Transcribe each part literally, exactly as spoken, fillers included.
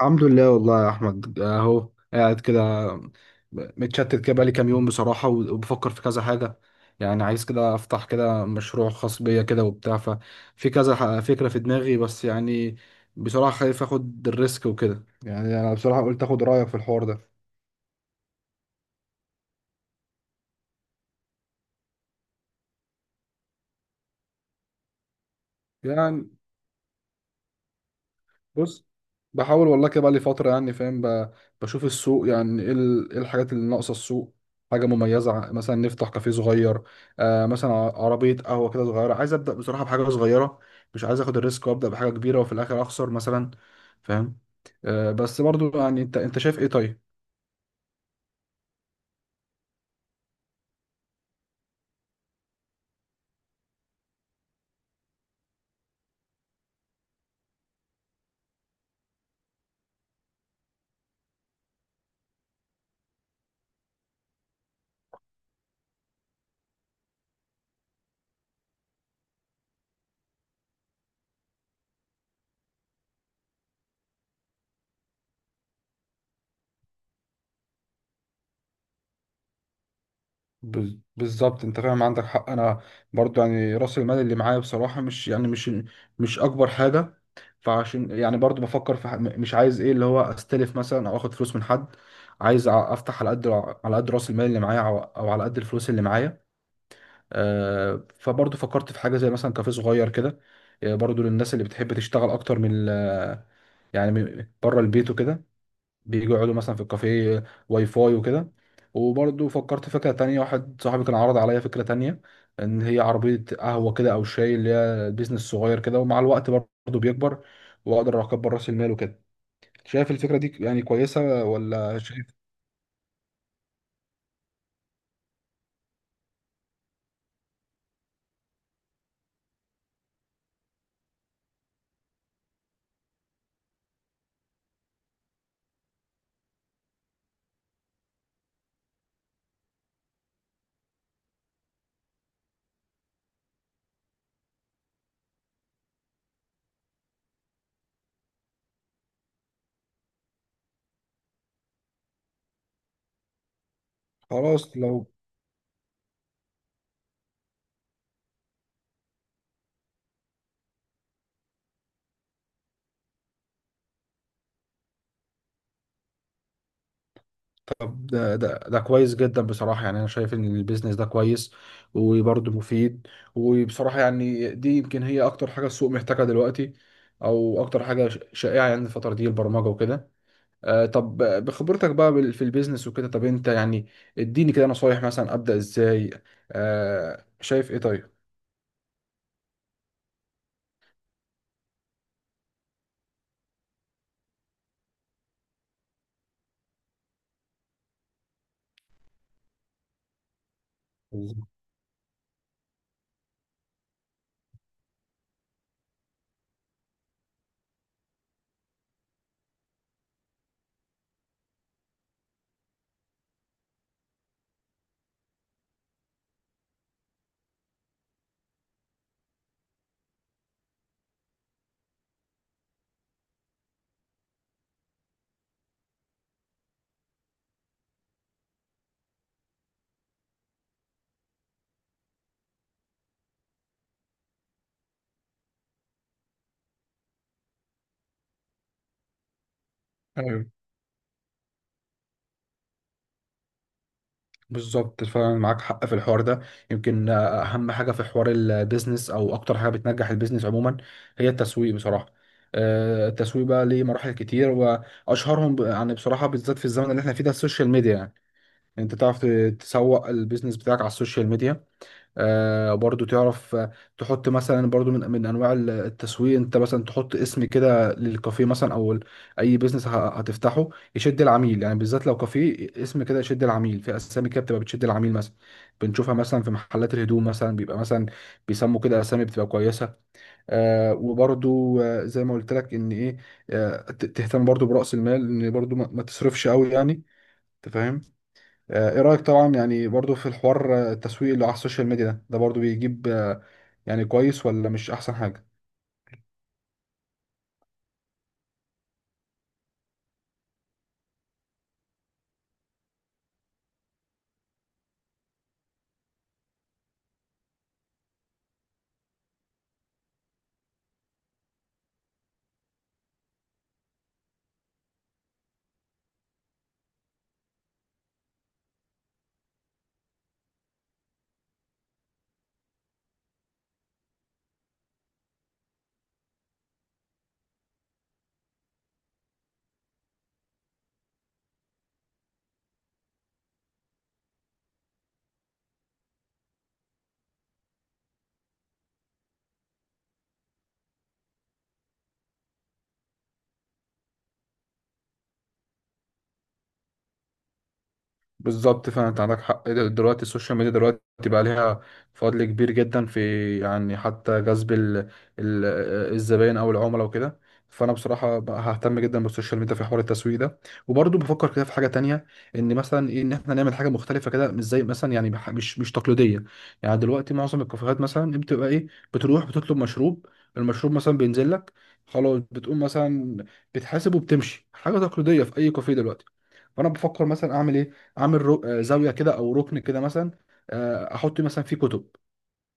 الحمد لله والله يا احمد، اهو قاعد كده. متشتت كده بقالي كام يوم بصراحه، وبفكر في كذا حاجه. يعني عايز كده افتح كده مشروع خاص بيا كده وبتاع، ففي كذا ح- فكره في دماغي، بس يعني بصراحه خايف اخد الريسك وكده. يعني انا بصراحه قلت اخد رايك في الحوار ده. يعني، بص، بحاول والله كده بقى لي فترة. يعني فاهم، ب- بشوف السوق، يعني ايه ال- إيه الحاجات اللي ناقصة السوق. حاجة مميزة، ع- مثلا نفتح كافيه صغير. آه مثلا ع- عربية قهوة كده صغيرة. عايز أبدأ بصراحة بحاجة صغيرة، مش عايز اخد الريسك وابدأ بحاجة كبيرة وفي الاخر اخسر مثلا. فاهم؟ آه بس برضو يعني، انت انت شايف ايه؟ طيب. بز- بالظبط، انت فاهم، عندك حق. انا برضو يعني راس المال اللي معايا بصراحه، مش يعني مش مش اكبر حاجه. فعشان يعني برضو بفكر في ح- مش عايز ايه اللي هو استلف مثلا او اخد فلوس من حد. عايز ع- افتح على قد، على قد راس المال اللي معايا، او او على قد الفلوس اللي معايا. آه، فبرضو فكرت في حاجه زي مثلا كافيه صغير كده. آه، برضو للناس اللي بتحب تشتغل اكتر من ال- يعني من- بره البيت وكده، بيجوا يقعدوا مثلا في الكافيه، واي فاي وكده. وبرضه فكرت في فكرة تانية، واحد صاحبي كان عرض عليا فكرة تانية، إن هي عربية قهوة كده أو شاي، اللي هي بيزنس صغير كده ومع الوقت برضه بيكبر وأقدر أكبر رأس المال وكده. شايف الفكرة دي يعني كويسة ولا شايف؟ خلاص لو طب ده, ده ده كويس جدا بصراحة. يعني أنا شايف إن البيزنس ده كويس وبرضه مفيد. وبصراحة يعني دي يمكن هي أكتر حاجة السوق محتاجها دلوقتي، أو أكتر حاجة ش- شائعة يعني الفترة دي، البرمجة وكده. آه، طب بخبرتك بقى بال- في البيزنس وكده، طب انت يعني اديني كده نصايح، مثلا ابدا ازاي؟ آه، شايف ايه؟ طيب. بالظبط. ايوه، بالظبط فعلا معاك حق في الحوار ده. يمكن آه، اهم حاجه في حوار البيزنس، او اكتر حاجه بتنجح البيزنس عموما، هي التسويق بصراحه. آه، التسويق بقى ليه مراحل كتير، واشهرهم ب- يعني بصراحه بالذات في الزمن اللي احنا فيه ده، السوشيال ميديا يعني. يعني انت تعرف ت- تسوق البيزنس بتاعك على السوشيال ميديا. آه برضو تعرف، آه، تحط مثلا برضو من من انواع ال- التسويق، انت مثلا تحط اسم كده للكافيه مثلا، او ال- اي بيزنس ه- هتفتحه، يشد العميل. يعني بالذات لو كافيه اسم كده يشد العميل، في اسامي كده بتبقى بتشد العميل مثلا، بنشوفها مثلا في محلات الهدوم، مثلا بيبقى مثلا بيسموا كده اسامي بتبقى كويسه. آه وبرضو، آه زي ما قلت لك ان ايه، آه ت- تهتم برضو براس المال، ان برضو ما, ما تصرفش قوي يعني. انت فاهم؟ آه، ايه رأيك طبعا، يعني برضو في الحوار، آه، التسويق اللي على السوشيال ميديا ده، ده برضو بيجيب، آه، يعني كويس ولا مش احسن حاجة؟ بالظبط، فعلا انت عندك حق. دلوقتي السوشيال ميديا دلوقتي بقى ليها فضل كبير جدا في، يعني حتى جذب ال- ال- الزباين او العملاء وكده. فانا بصراحه بقى ههتم جدا بالسوشيال ميديا في حوار التسويق ده. وبرضه بفكر كده في حاجه تانية، ان مثلا ايه، ان احنا نعمل حاجه مختلفه كده، مش زي مثلا يعني، بح- مش مش تقليديه. يعني دلوقتي معظم الكافيهات مثلا، إيه، بتبقى ايه؟ بتروح بتطلب مشروب، المشروب مثلا بينزل لك، خلاص بتقوم مثلا بتحاسب وبتمشي. حاجه تقليديه في اي كافيه دلوقتي. فانا بفكر مثلا اعمل ايه، عامل رو... آه، زاويه كده او ركن كده مثلا. آه، احط مثلا فيه كتب،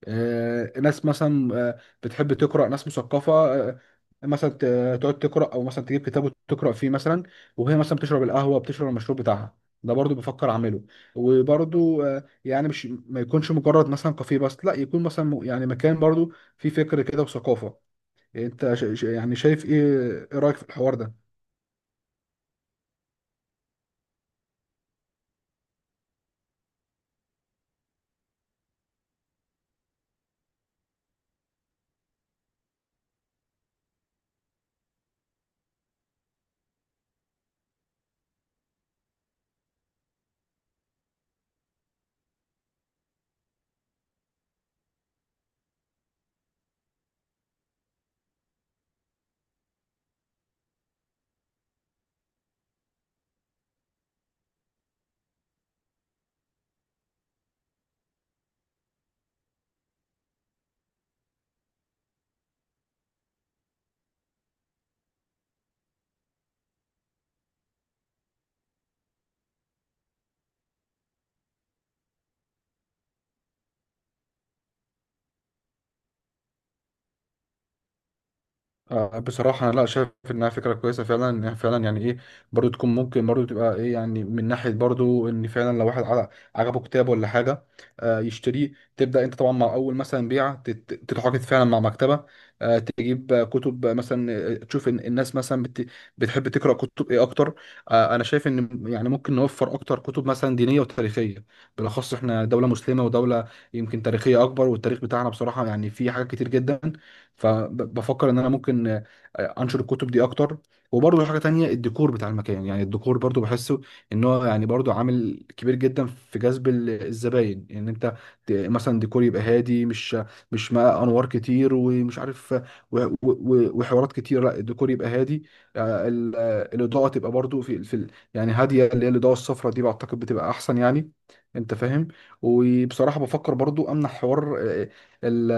آه، ناس مثلا آه، بتحب تقرا، ناس مثقفه آه، مثلا ت- تقعد تقرا، او مثلا تجيب كتاب وتقرا فيه مثلا، وهي مثلا بتشرب القهوه، بتشرب المشروب بتاعها. ده برضو بفكر اعمله. وبرضو آه، يعني مش، ما يكونش مجرد مثلا كافيه بس، لا يكون مثلا م- يعني مكان برضو فيه فكر كده وثقافه. انت ش... ش- يعني شايف ايه؟ ايه رايك في الحوار ده؟ آه، بصراحة أنا لا شايف إنها فكرة كويسة، فعلا إنها فعلا يعني إيه، برضو تكون ممكن، برضو تبقى إيه، يعني من ناحية برضو إن فعلا لو واحد ع- عجبه كتاب ولا حاجة، آه، يشتريه. تبدأ أنت طبعا مع أول مثلا بيعة تت- تتعاقد فعلا مع مكتبة، آه، تجيب آه، كتب آه، مثلا آه، تشوف إن الناس مثلا بت- بتحب تقرأ كتب إيه أكتر. آه، أنا شايف إن يعني ممكن نوفر أكتر كتب مثلا دينية وتاريخية، بالأخص إحنا دولة مسلمة ودولة يمكن تاريخية أكبر، والتاريخ بتاعنا بصراحة يعني فيه حاجات كتير جدا. فبفكر ان انا ممكن آه، انشر الكتب دي اكتر. وبرضه حاجه تانية، الديكور بتاع المكان، يعني الديكور برضه بحسه ان هو يعني برضه عامل كبير جدا في جذب ال- الزباين، ان يعني انت ت- مثلا ديكور يبقى هادي، مش مش مع انوار كتير ومش عارف، و- و- و- وحوارات كتير. لا الديكور يبقى هادي. آه، ال- آه، الاضاءه تبقى برضه في في ال- يعني هاديه، اللي هي الاضاءه الصفراء دي بعتقد بتبقى احسن يعني. انت فاهم؟ وبصراحه بفكر برضو امنح حوار، آه، ال-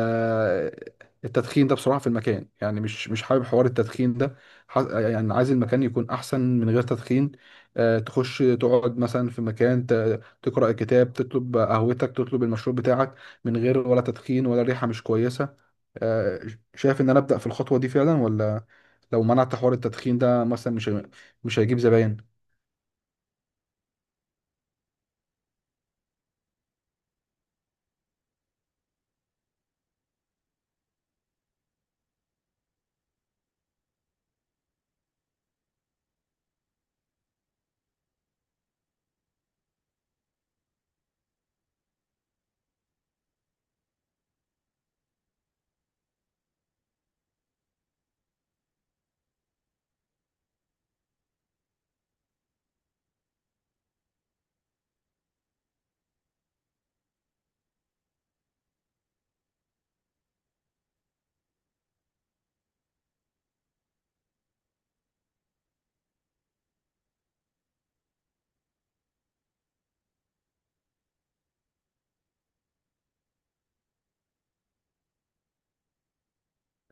التدخين ده بصراحة في المكان. يعني مش مش حابب حوار التدخين ده. ح- يعني عايز المكان يكون أحسن من غير تدخين. آه، تخش تقعد مثلا في مكان ت- تقرأ الكتاب، تطلب قهوتك، تطلب المشروب بتاعك، من غير ولا تدخين ولا ريحة مش كويسة. آه، شايف إن أنا أبدأ في الخطوة دي فعلا ولا؟ لو منعت حوار التدخين ده مثلا مش هي- مش هيجيب زباين؟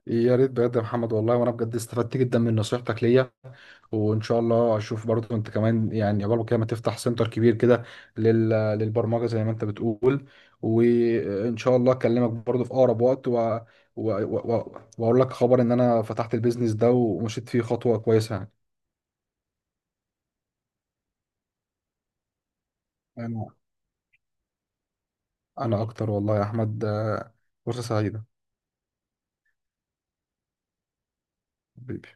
يا ريت بجد يا محمد والله، وأنا بجد استفدت جدا من نصيحتك ليا. وان شاء الله اشوف برضو انت كمان، يعني عقبال كده ما تفتح سنتر كبير كده لل- للبرمجه زي ما انت بتقول. وان شاء الله اكلمك برضو في اقرب وقت و... و... و... و... واقول لك خبر ان انا فتحت البيزنس ده ومشيت فيه خطوه كويسه يعني. انا انا اكتر والله يا احمد، آه، فرصه سعيده، حبيبي.